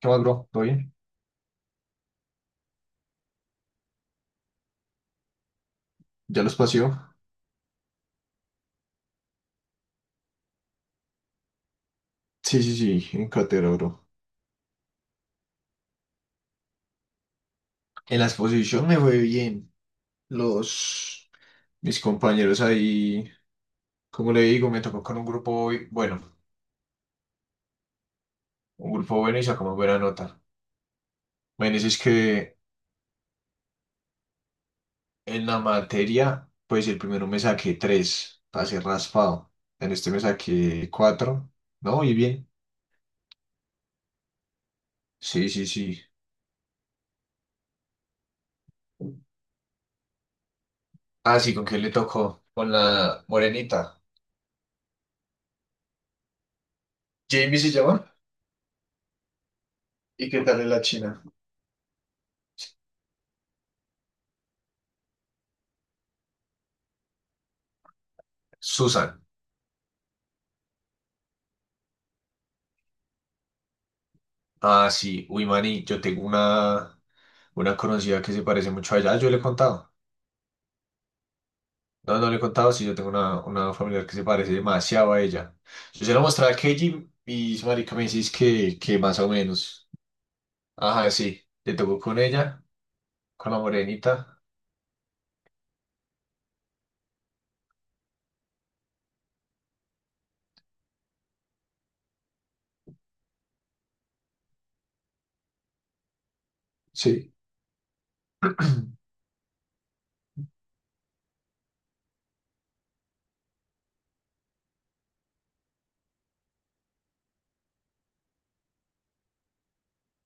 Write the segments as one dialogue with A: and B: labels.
A: ¿Qué más, bro? ¿Todo bien? ¿Ya los paseó? Sí, sí, sí, en cátedra, bro. En la exposición me fue bien. Los, mis compañeros ahí, como le digo, me tocó con un grupo, bueno, un grupo bueno y sacamos buena nota. Bueno, es que en la materia, pues el primero me saqué tres, para ser raspado. En este me saqué cuatro, ¿no? Y bien. Sí, sí, sí. Ah, sí, ¿con quién le tocó? Con la morenita. Jamie se llama. ¿Y qué tal es la china? Susan. Ah, sí, uy, Mani, yo tengo una conocida que se parece mucho a ella. Ah, yo le he contado. No, no le he contado, sí, yo tengo una familiar que se parece demasiado a ella. Yo se la mostré a Keiji y su marica me dice que más o menos. Ajá, sí, le tocó con ella, con la morenita. Sí,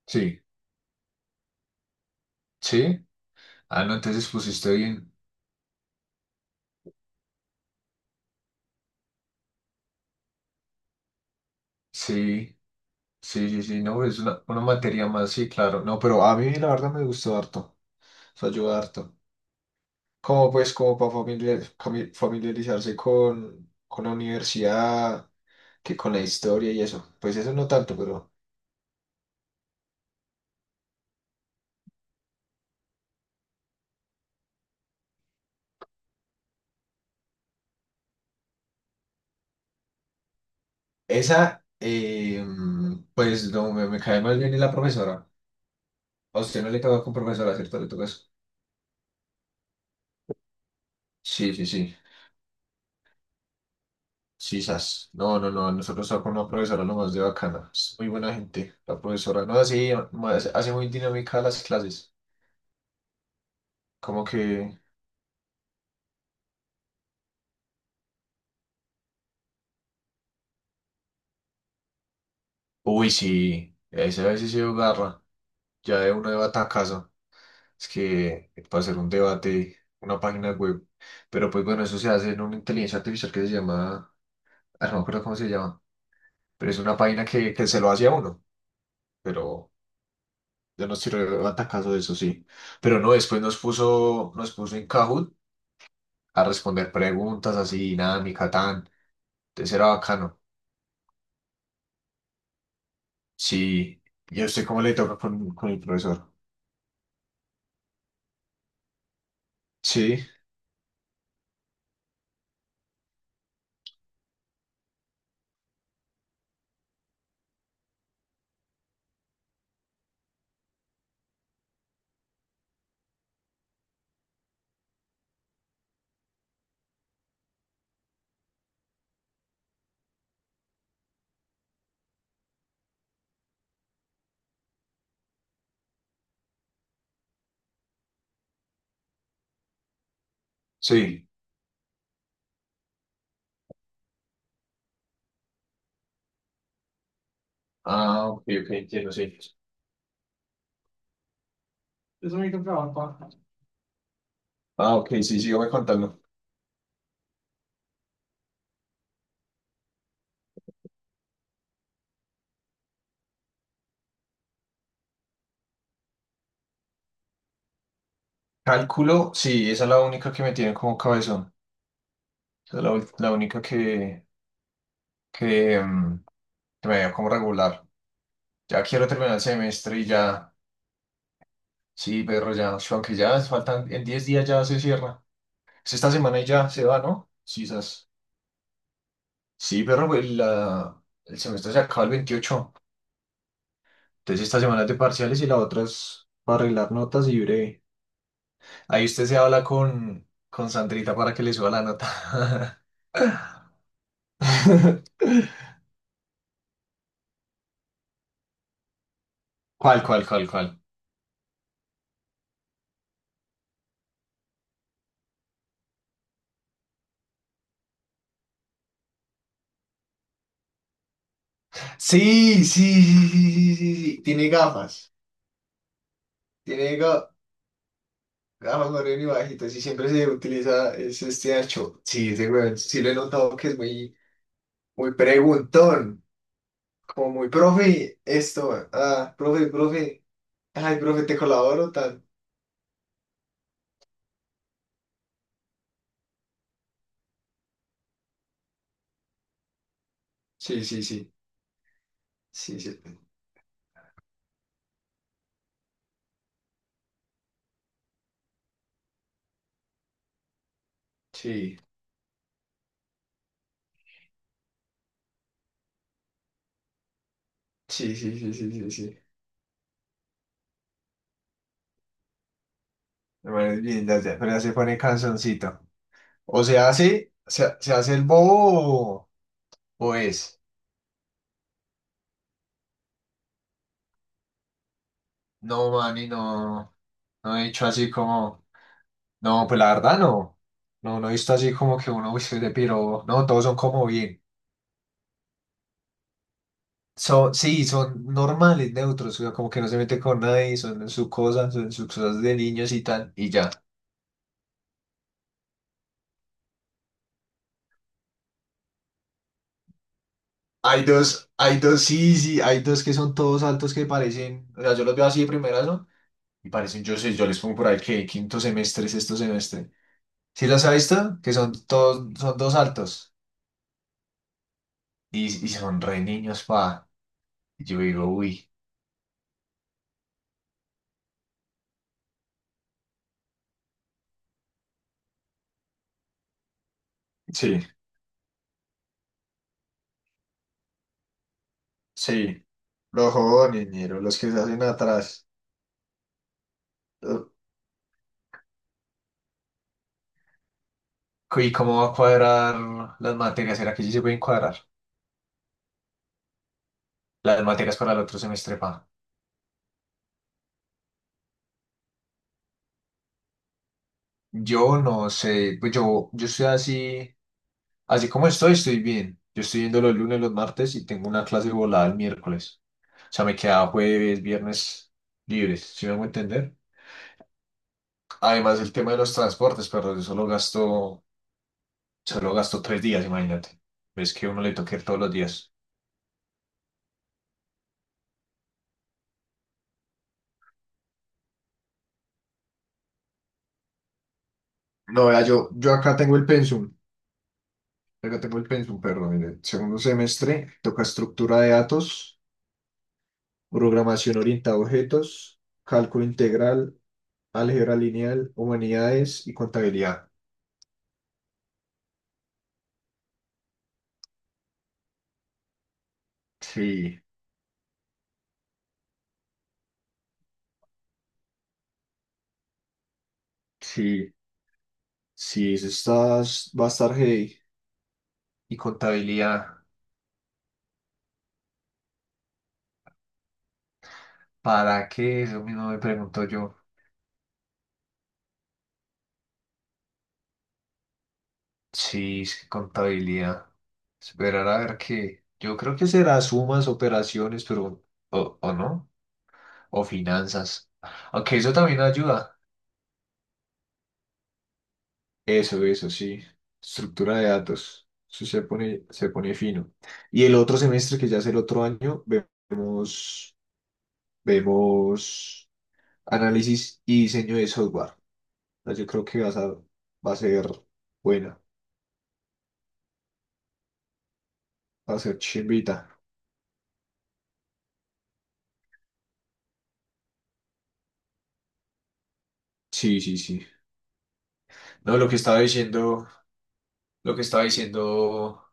A: sí, sí. Ah, no, entonces pusiste bien. Sí, sí, sí, sí, no, es una materia más, sí, claro. No, pero a mí la verdad me gustó harto, eso ayuda harto. Como pues como para familiarizarse con la universidad, que con la historia y eso. Pues eso no tanto, pero esa, pues no, me cae más bien la profesora. A usted no le toca con profesora, ¿cierto? Le toca eso. Sí, sí, sí. Sí, sas. No, no, no. Nosotros estamos con una profesora nomás de bacana. Es muy buena gente. La profesora, no, así, hace muy dinámica las clases. Como que, uy, sí, esa vez sí se agarra. Ya de uno de batacazo. Es que para hacer un debate, una página web. Pero pues bueno, eso se hace en una inteligencia artificial que se llama, ah, no me acuerdo cómo se llama, pero es una página que se lo hace a uno. Pero yo no estoy relevante caso de eso, sí. Pero no, después nos puso en Kahoot a responder preguntas así, dinámica, tan. Entonces era bacano. Sí. ¿Y a usted cómo le toca con el profesor? Sí, sí. Ah, ok, ok, entiendo, sí. Es un microtrabajo. Ah, ok, sí, sígame contando. Cálculo, sí, esa es la única que me tiene como cabezón. Esa es la única que, mm, que me veo como regular. Ya quiero terminar el semestre y ya, sí, Pedro, ya, aunque ya faltan, en 10 días ya se cierra. Es esta semana y ya se va, ¿no? Sí, sí, Pedro, el semestre se acaba el 28. Entonces esta semana es de parciales y la otra es para arreglar notas y breve. Ahí usted se habla con Sandrita para que le suba la nota. ¿Cuál, cuál, cuál, cuál? Sí, sí, sí, sí, sí, sí, sí. Tiene gafas. Tiene gafas moreno y bajitas y siempre se utiliza ese este ancho. Sí, ese weón, sí lo he notado que es muy, muy preguntón. Como muy, profe, esto, ah, profe, profe. Ay, profe, te colaboro tal. Sí, sí, sí. Sí, sí. Sí, sí, sí, sí, sí, sí, sí. Bueno, es bien, ya, ya, pero ya se pone canzoncito. O se hace, se hace el bobo o es. No, mani, no. No he dicho así como, no, pues la verdad no. No, no he visto así como que uno, uy, soy de piro. No, todos son como bien. Son, sí, son normales, neutros, o sea, como que no se meten con nadie, son en su cosa, son en sus cosas de niños y tal, y ya. Hay dos, sí, sí, hay dos que son todos altos que parecen, o sea, yo los veo así de primeras, ¿no? Y parecen, yo sé, yo les pongo por ahí que quinto semestre, sexto semestre. ¿Sí los ha visto? Que son todos, son dos altos. Y son re niños, pa. Y yo digo, uy. Sí, sí, los jóvenes, ñero, los que se hacen atrás. Uh, ¿Y cómo va a cuadrar las materias? ¿Será que sí se pueden cuadrar las materias para el otro semestre, pa? Yo no sé, pues yo estoy así, como estoy, estoy bien. Yo estoy yendo los lunes, los martes y tengo una clase volada el miércoles. O sea, me queda jueves, viernes libres, ¿si me hago entender? Además, el tema de los transportes, pero yo solo gasto 3 días, imagínate. Ves que uno le toca ir todos los días. No, vea, yo acá tengo el pensum, acá tengo el pensum, perdón, en el segundo semestre toca estructura de datos, programación orientada a objetos, cálculo integral, álgebra lineal, humanidades y contabilidad. Sí, sí, sí, eso está, va a estar heavy. ¿Y contabilidad? ¿Para qué? Eso mismo me pregunto yo. Sí, es que contabilidad. Esperar a ver qué. Yo creo que será sumas, operaciones, pero... ¿O no? O finanzas. Aunque eso también ayuda. Eso, sí. Estructura de datos. Eso se pone fino. Y el otro semestre, que ya es el otro año, vemos, vemos análisis y diseño de software. Ah, yo creo que va a ser buena. Va a ser chimbita. Sí, sí, sí. No, lo que estaba diciendo,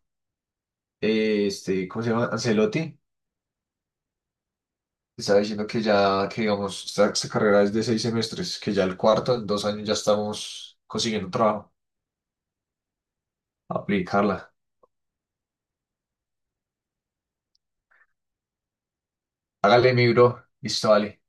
A: este, ¿cómo se llama? Ancelotti. Estaba diciendo que ya, que digamos, esta carrera es de 6 semestres, que ya el cuarto, en 2 años ya estamos consiguiendo trabajo. Aplicarla. Hágale mi bro, listo, vale.